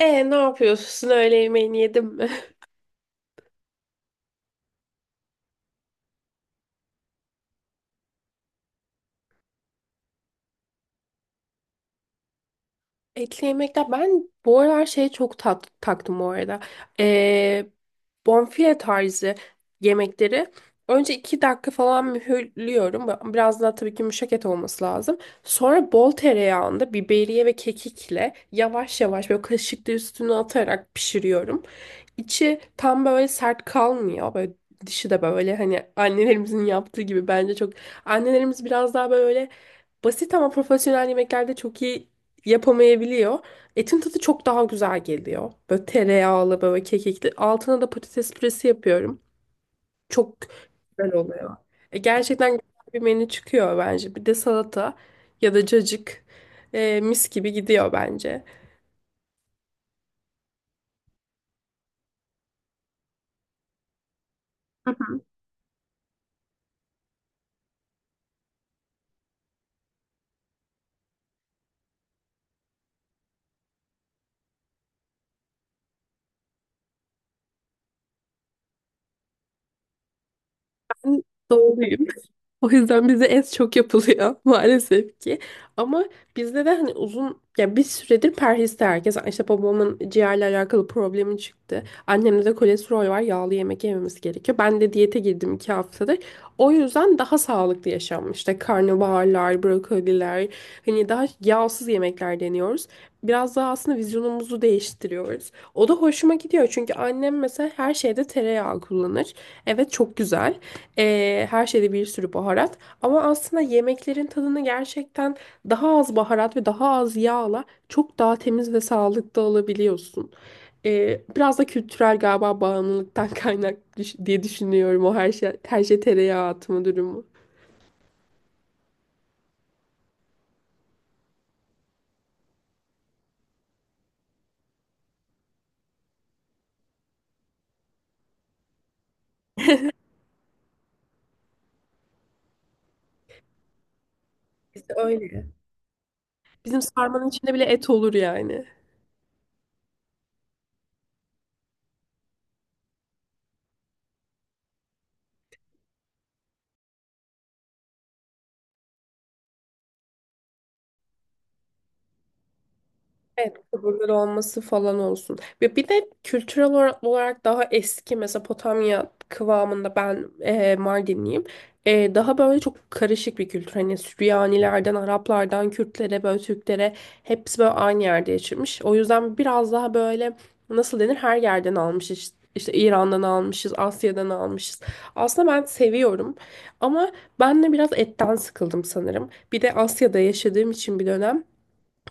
E, ne yapıyorsun? Öğle yemeğini yedin mi? Etli yemekler. Ben bu aralar şeye çok taktım bu arada. E, Bonfile tarzı yemekleri. Önce 2 dakika falan mühürlüyorum. Biraz daha tabii ki yumuşak et olması lazım. Sonra bol tereyağında biberiye ve kekikle yavaş yavaş böyle kaşıkla üstüne atarak pişiriyorum. İçi tam böyle sert kalmıyor. Böyle dışı da böyle hani annelerimizin yaptığı gibi bence çok annelerimiz biraz daha böyle basit ama profesyonel yemeklerde çok iyi yapamayabiliyor. Etin tadı çok daha güzel geliyor. Böyle tereyağlı, böyle kekikli. Altına da patates püresi yapıyorum. Çok güzel oluyor. Gerçekten güzel bir menü çıkıyor bence. Bir de salata ya da cacık mis gibi gidiyor bence. Doğruyum. O yüzden bize es çok yapılıyor maalesef ki. Ama bizde de hani uzun ya bir süredir perhiste herkes işte babamın ciğerle alakalı problemi çıktı. Annemde de kolesterol var, yağlı yemek yememiz gerekiyor. Ben de diyete girdim 2 haftadır. O yüzden daha sağlıklı yaşam, işte karnabaharlar, brokoliler, hani daha yağsız yemekler deniyoruz. Biraz daha aslında vizyonumuzu değiştiriyoruz. O da hoşuma gidiyor çünkü annem mesela her şeyde tereyağı kullanır. Evet, çok güzel. Her şeyde bir sürü baharat. Ama aslında yemeklerin tadını gerçekten daha az baharat ve daha az yağla çok daha temiz ve sağlıklı alabiliyorsun. Biraz da kültürel galiba bağımlılıktan kaynak diye düşünüyorum, o her şey tereyağı atma durumu. İşte öyle. Bizim sarmanın içinde bile et olur yani. Evet, kabulleri olması falan olsun. Ve bir de kültürel olarak daha eski Mezopotamya kıvamında, ben Mardinliyim. Daha böyle çok karışık bir kültür. Hani Süryanilerden, Araplardan, Kürtlere, böyle Türklere, hepsi böyle aynı yerde yaşamış. O yüzden biraz daha böyle nasıl denir, her yerden almışız. İşte İran'dan almışız, Asya'dan almışız. Aslında ben seviyorum ama ben de biraz etten sıkıldım sanırım. Bir de Asya'da yaşadığım için bir dönem.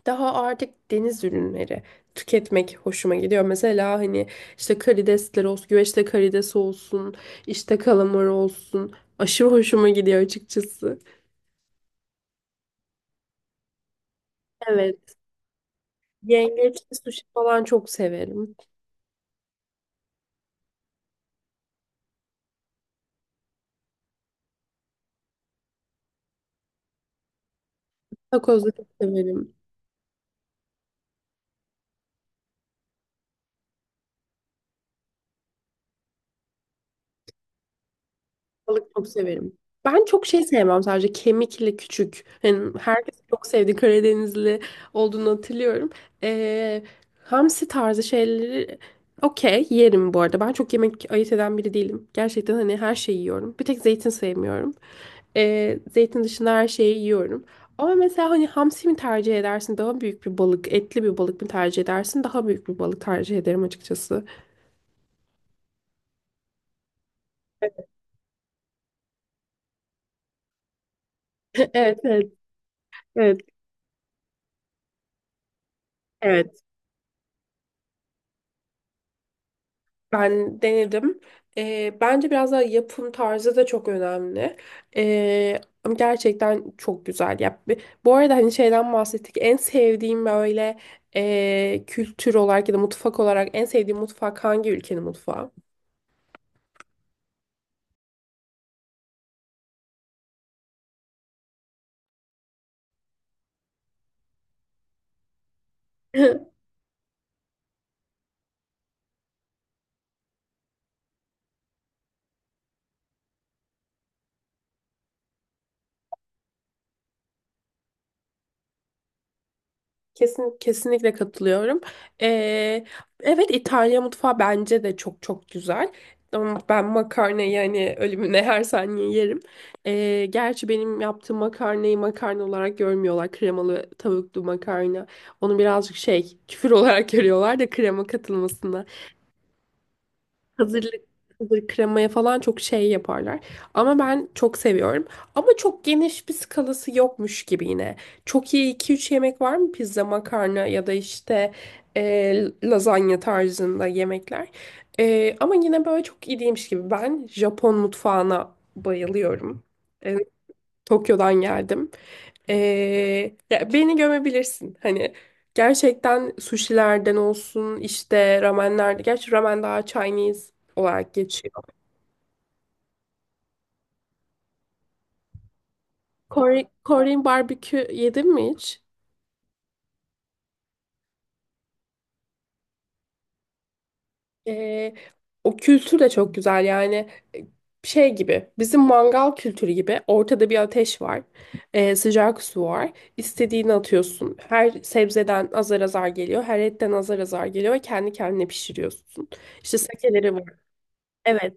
Daha artık deniz ürünleri tüketmek hoşuma gidiyor. Mesela hani işte karidesler olsun, güveçte karides olsun, işte kalamar olsun. Aşırı hoşuma gidiyor açıkçası. Evet. Yengeçli sushi falan çok severim. Takoz da çok severim. Balık çok severim. Ben çok şey sevmem, sadece kemikli küçük. Yani herkes çok sevdi, Karadenizli olduğunu hatırlıyorum. Ee, Hamsi tarzı şeyleri okey yerim bu arada. Ben çok yemek ayırt eden biri değilim. Gerçekten hani her şeyi yiyorum. Bir tek zeytin sevmiyorum. Zeytin dışında her şeyi yiyorum. Ama mesela hani hamsi mi tercih edersin, daha büyük bir balık, etli bir balık mı tercih edersin? Daha büyük bir balık tercih ederim açıkçası. Evet, evet, evet, evet. Ben denedim. Bence biraz daha yapım tarzı da çok önemli. Ama gerçekten çok güzel. Ya, bu arada hani şeyden bahsettik. En sevdiğim böyle kültür olarak ya da mutfak olarak en sevdiğim mutfak hangi ülkenin mutfağı? Kesin, kesinlikle katılıyorum. Ee, evet, İtalya mutfağı bence de çok çok güzel. Ama ben makarnayı yani ölümüne her saniye yerim. Gerçi benim yaptığım makarnayı makarna olarak görmüyorlar. Kremalı tavuklu makarna. Onu birazcık şey, küfür olarak görüyorlar da krema katılmasına. Hazırlık, hazır kremaya falan çok şey yaparlar. Ama ben çok seviyorum. Ama çok geniş bir skalası yokmuş gibi yine. Çok iyi iki üç yemek var mı? Pizza, makarna ya da işte lazanya tarzında yemekler. Ama yine böyle çok iyi değilmiş gibi. Ben Japon mutfağına bayılıyorum. E, Tokyo'dan geldim. Ee, Ya beni gömebilirsin. Hani gerçekten sushilerden olsun, işte ramenlerde. Gerçi ramen daha Chinese olarak geçiyor. Kore, Korean barbekü yedin mi hiç? Ee, O kültür de çok güzel yani e, şey gibi, bizim mangal kültürü gibi ortada bir ateş var. Sıcak su var. İstediğini atıyorsun. Her sebzeden azar azar geliyor. Her etten azar azar geliyor ve kendi kendine pişiriyorsun. İşte sakeleri. Evet.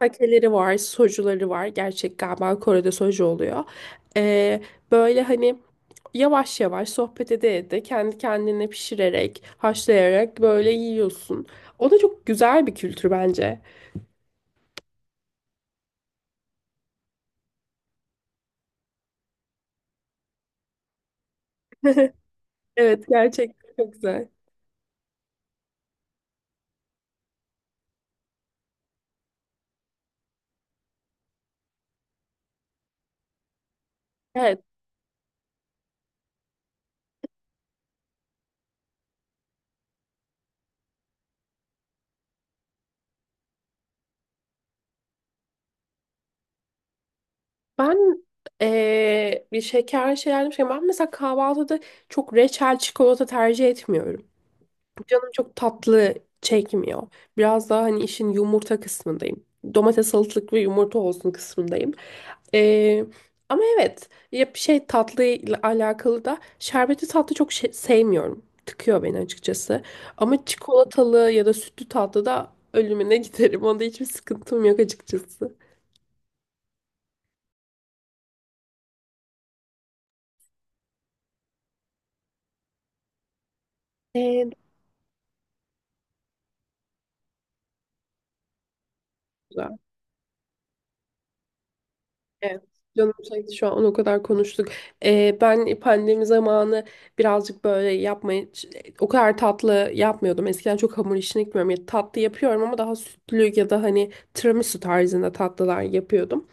Pakeleri var, sojuları var. Gerçek galiba Kore'de soju oluyor. Ee, Böyle hani yavaş yavaş sohbet ede ede kendi kendine pişirerek, haşlayarak böyle yiyorsun. O da çok güzel bir kültür bence. Evet, gerçekten çok güzel. Evet, ben bir şeker şey almışken, ben mesela kahvaltıda çok reçel, çikolata tercih etmiyorum. Canım çok tatlı çekmiyor. Biraz daha hani işin yumurta kısmındayım. Domates, salatalık ve yumurta olsun kısmındayım. Ee, Ama evet, ya bir şey tatlı ile alakalı da, şerbetli tatlı çok sevmiyorum. Tıkıyor beni açıkçası. Ama çikolatalı ya da sütlü tatlı da ölümüne giderim. Onda hiçbir sıkıntım yok açıkçası. Ee, Evet, canım çekti şu an, o kadar konuştuk. Ben pandemi zamanı birazcık böyle yapmayı, o kadar tatlı yapmıyordum. Eskiden çok hamur işini gitmiyorum. Ya, tatlı yapıyorum ama daha sütlü ya da hani tiramisu tarzında tatlılar yapıyordum.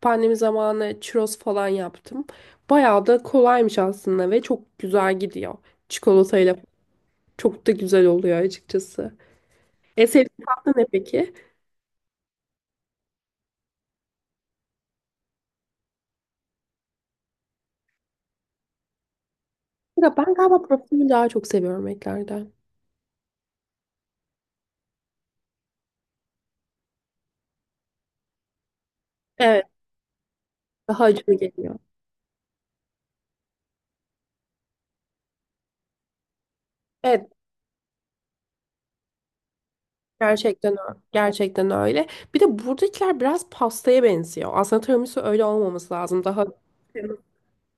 Pandemi zamanı churros falan yaptım. Bayağı da kolaymış aslında ve çok güzel gidiyor. Çikolatayla çok da güzel oluyor açıkçası. En sevdiğin tatlı ne peki? Ya ben galiba profilini daha çok seviyorum eklerden. Evet, daha acılı geliyor. Evet, gerçekten öyle. Gerçekten öyle. Bir de buradakiler biraz pastaya benziyor. Aslında tiramisu öyle olmaması lazım. Daha.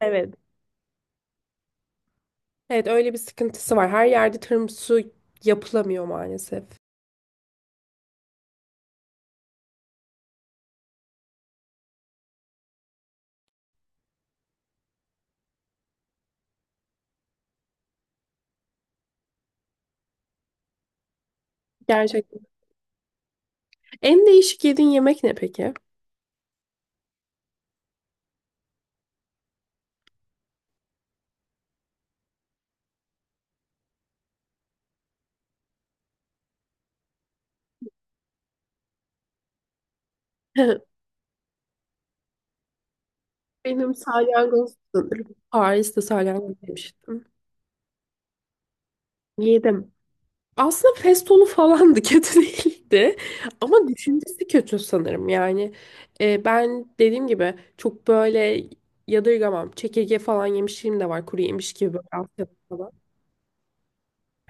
Evet. Evet, öyle bir sıkıntısı var. Her yerde tiramisu yapılamıyor maalesef. Gerçekten. En değişik yediğin yemek ne peki? Benim salyangoz sanırım. Paris'te salyangoz yemiştim. Yedim. Aslında festolu falandı, kötü değildi ama düşüncesi kötü sanırım. Yani ben dediğim gibi çok böyle yadırgamam, çekirge falan yemişliğim de var, kuru yemiş gibi, böyle Asya'da falan.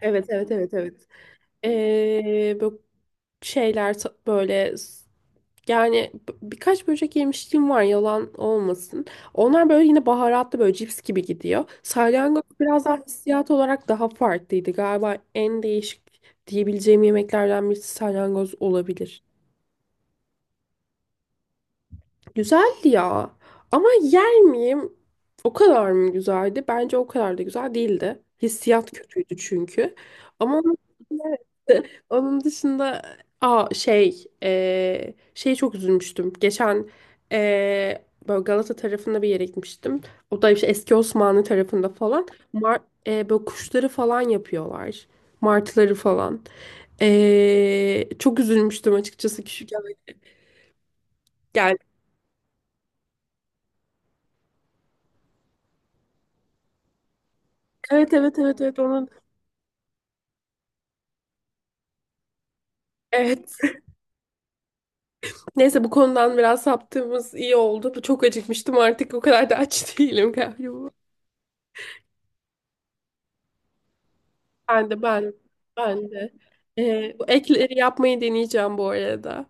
Evet, evet, evet, evet. Böyle şeyler böyle yani birkaç böcek yemişliğim var, yalan olmasın. Onlar böyle yine baharatlı, böyle cips gibi gidiyor. Salyangoz biraz daha hissiyat olarak daha farklıydı. Galiba en değişik diyebileceğim yemeklerden birisi salyangoz olabilir. Güzeldi ya. Ama yer miyim? O kadar mı güzeldi? Bence o kadar da güzel değildi. Hissiyat kötüydü çünkü. Ama onun dışında, onun dışında şey şey çok üzülmüştüm. Geçen böyle Galata tarafında bir yere gitmiştim. O da işte eski Osmanlı tarafında falan. Mar böyle kuşları falan yapıyorlar. Martıları falan. Çok üzülmüştüm açıkçası, küçük geldi. Evet, evet, evet, evet, onun. Evet. Neyse bu konudan biraz saptığımız iyi oldu. Bu. Çok acıkmıştım, artık o kadar da aç değilim galiba. Ben de, ben de. Bu ekleri yapmayı deneyeceğim bu arada.